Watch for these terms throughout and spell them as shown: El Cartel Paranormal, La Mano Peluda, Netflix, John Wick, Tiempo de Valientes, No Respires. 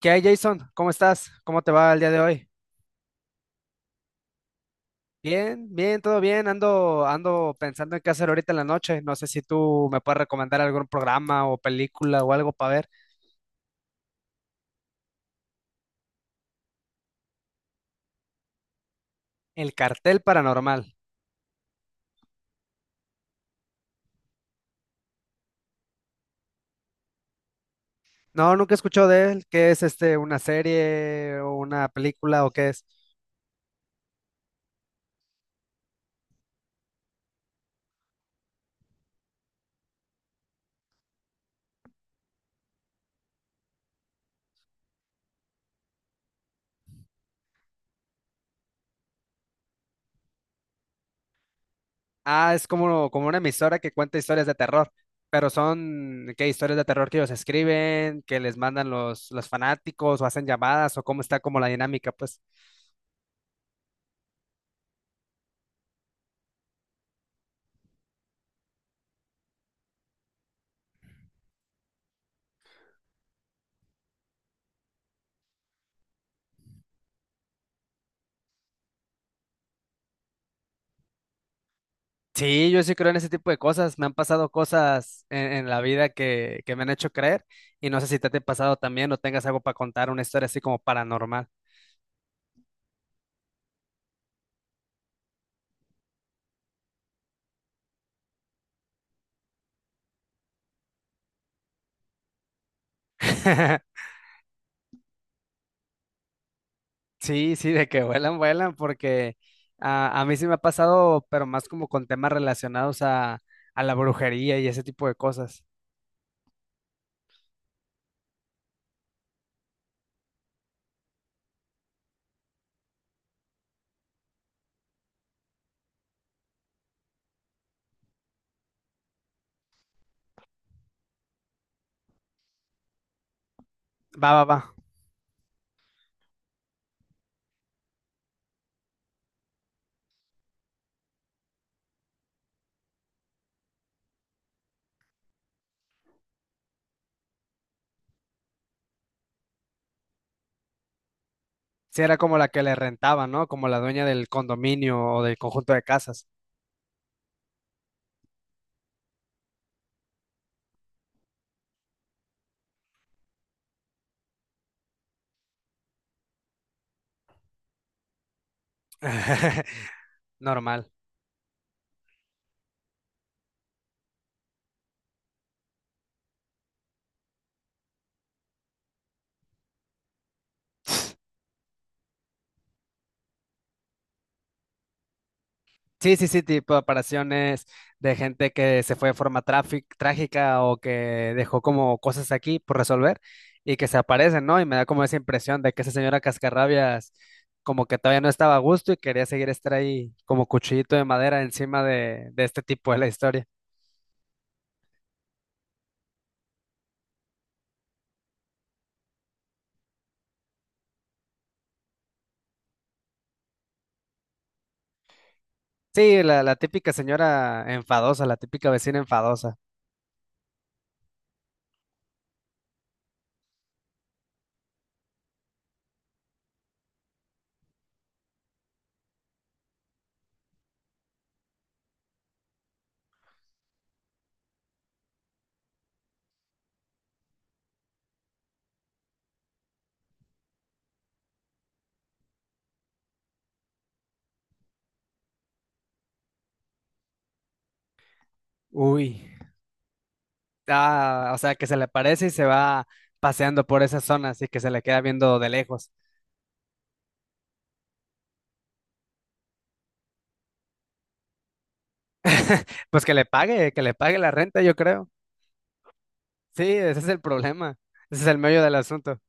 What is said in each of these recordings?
¿Qué hay, Jason? ¿Cómo estás? ¿Cómo te va el día de hoy? Bien, bien, todo bien. Ando pensando en qué hacer ahorita en la noche. No sé si tú me puedes recomendar algún programa o película o algo para ver. El Cartel Paranormal. No, nunca he escuchado de él. ¿Qué es este? ¿Una serie o una película o qué es? Ah, es como, como una emisora que cuenta historias de terror. Pero son, ¿qué? Historias de terror que ellos escriben, que les mandan los fanáticos o hacen llamadas o cómo está como la dinámica, pues. Sí, yo sí creo en ese tipo de cosas. Me han pasado cosas en la vida que me han hecho creer y no sé si te ha pasado también o tengas algo para contar, una historia así como paranormal. Sí, sí, de que vuelan, vuelan, porque a mí sí me ha pasado, pero más como con temas relacionados a la brujería y ese tipo de cosas. Va, va, va. Sí, era como la que le rentaba, ¿no? Como la dueña del condominio o del conjunto de casas. Normal. Sí, sí, sí, tipo apariciones de gente que se fue de forma trágica o que dejó como cosas aquí por resolver y que se aparecen, ¿no? Y me da como esa impresión de que esa señora Cascarrabias como que todavía no estaba a gusto y quería seguir estar ahí como cuchillito de madera encima de este tipo de la historia. Sí, la típica señora enfadosa, la típica vecina enfadosa. Uy. Ah, o sea, que se le aparece y se va paseando por esas zonas y que se le queda viendo de lejos. Pues que le pague la renta, yo creo. Sí, ese es el problema. Ese es el meollo del asunto.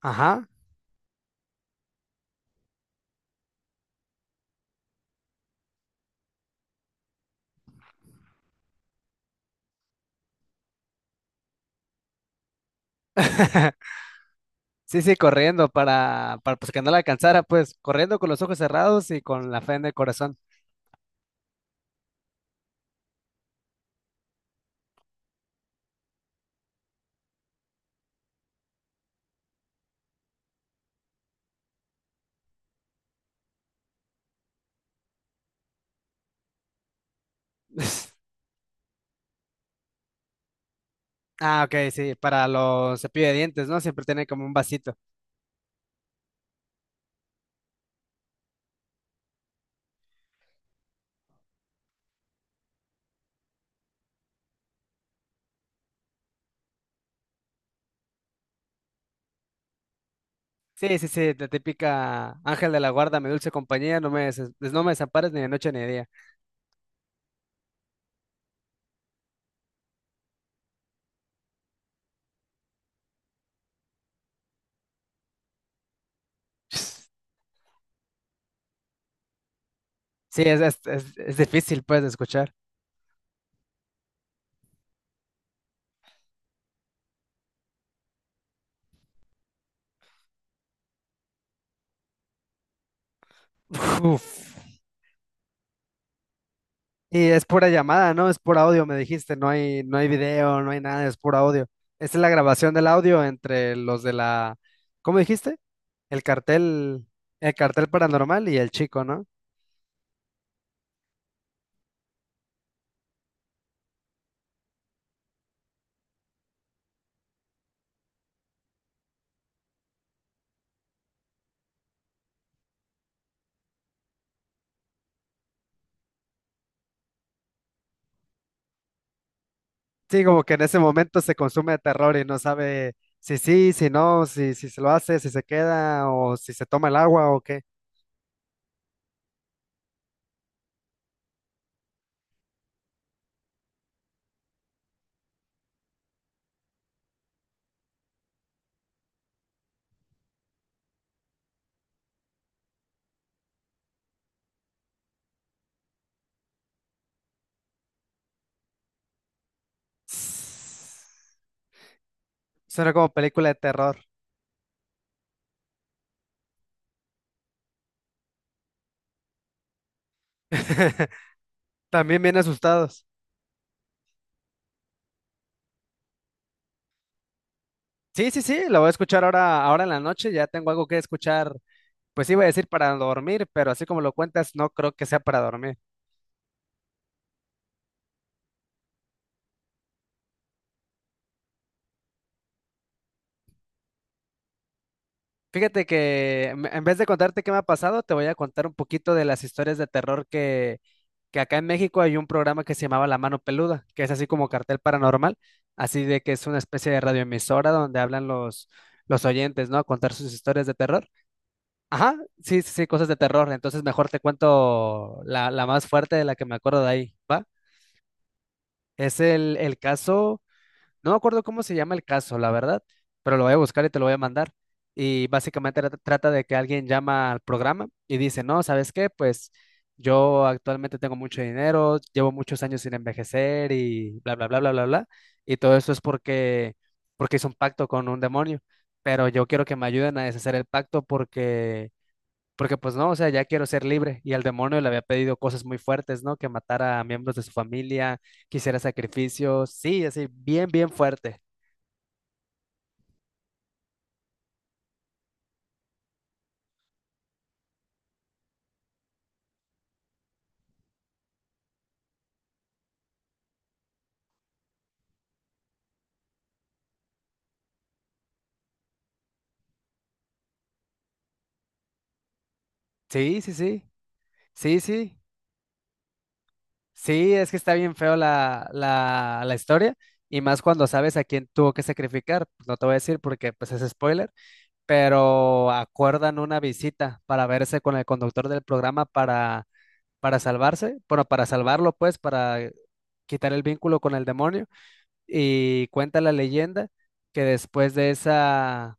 Ajá. Sí, sí, corriendo para pues que no la alcanzara, pues corriendo con los ojos cerrados y con la fe en el corazón. Ah, ok, sí, para los cepillos de dientes, ¿no? Siempre tiene como un vasito. Sí, sí, sí, la típica Ángel de la Guarda, mi dulce compañía, no me, no me desampares ni de noche ni de día. Sí, es, es difícil, pues, de escuchar. Uf. Y es pura llamada, ¿no? Es pura audio, me dijiste, no hay, no hay video, no hay nada, es pura audio. Esta es la grabación del audio entre los de la, ¿cómo dijiste? El cartel, el cartel paranormal y el chico, ¿no? Sí, como que en ese momento se consume de terror y no sabe si sí, si no, si, si se lo hace, si se queda o si se toma el agua o qué. Suena como película de terror. También bien asustados. Sí, sí, sí, la voy a escuchar ahora, ahora en la noche. Ya tengo algo que escuchar. Pues iba a decir para dormir, pero así como lo cuentas, no creo que sea para dormir. Fíjate que en vez de contarte qué me ha pasado, te voy a contar un poquito de las historias de terror que acá en México hay un programa que se llamaba La Mano Peluda, que es así como cartel paranormal, así de que es una especie de radioemisora donde hablan los oyentes, ¿no? A contar sus historias de terror. Ajá, sí, sí, sí, cosas de terror. Entonces mejor te cuento la, la más fuerte de la que me acuerdo de ahí, ¿va? Es el caso, no me acuerdo cómo se llama el caso, la verdad, pero lo voy a buscar y te lo voy a mandar. Y básicamente trata de que alguien llama al programa y dice, no, ¿sabes qué? Pues yo actualmente tengo mucho dinero, llevo muchos años sin envejecer y bla, bla, bla, bla, bla, bla. Y todo eso es porque, porque hice un pacto con un demonio, pero yo quiero que me ayuden a deshacer el pacto porque pues no, o sea, ya quiero ser libre. Y al demonio le había pedido cosas muy fuertes, ¿no? Que matara a miembros de su familia, quisiera sacrificios. Sí, así, bien, bien fuerte. Sí, sí, sí. Sí, sí. Sí, es que está bien feo la, la, la historia. Y más cuando sabes a quién tuvo que sacrificar, pues. No te voy a decir porque pues es spoiler. Pero acuerdan una visita para verse con el conductor del programa para salvarse. Bueno, para salvarlo, pues, para quitar el vínculo con el demonio. Y cuenta la leyenda que después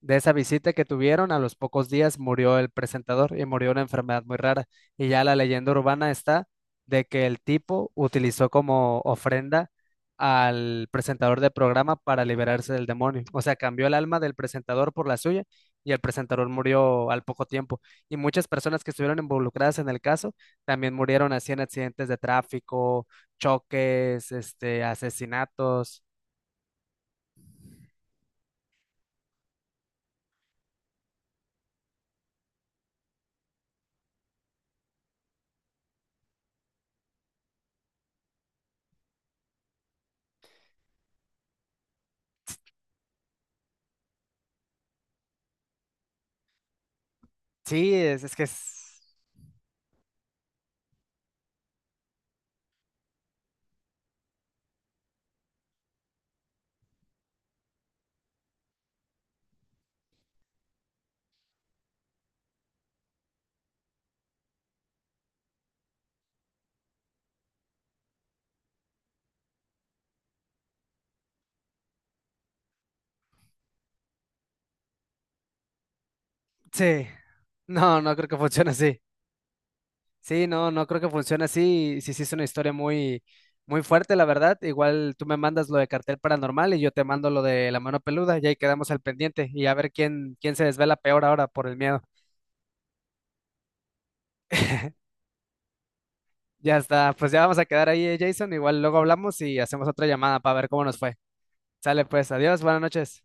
de esa visita que tuvieron, a los pocos días murió el presentador y murió una enfermedad muy rara. Y ya la leyenda urbana está de que el tipo utilizó como ofrenda al presentador del programa para liberarse del demonio. O sea, cambió el alma del presentador por la suya y el presentador murió al poco tiempo. Y muchas personas que estuvieron involucradas en el caso también murieron así en accidentes de tráfico, choques, este, asesinatos. Sí, es que es. Sí, no, no creo que funcione así. Sí, no, no creo que funcione así. Sí, sí, es una historia muy, muy fuerte, la verdad. Igual tú me mandas lo de cartel paranormal y yo te mando lo de la mano peluda y ahí quedamos al pendiente y a ver quién, quién se desvela peor ahora por el miedo. Ya está, pues ya vamos a quedar ahí, Jason. Igual luego hablamos y hacemos otra llamada para ver cómo nos fue. Sale pues, adiós, buenas noches.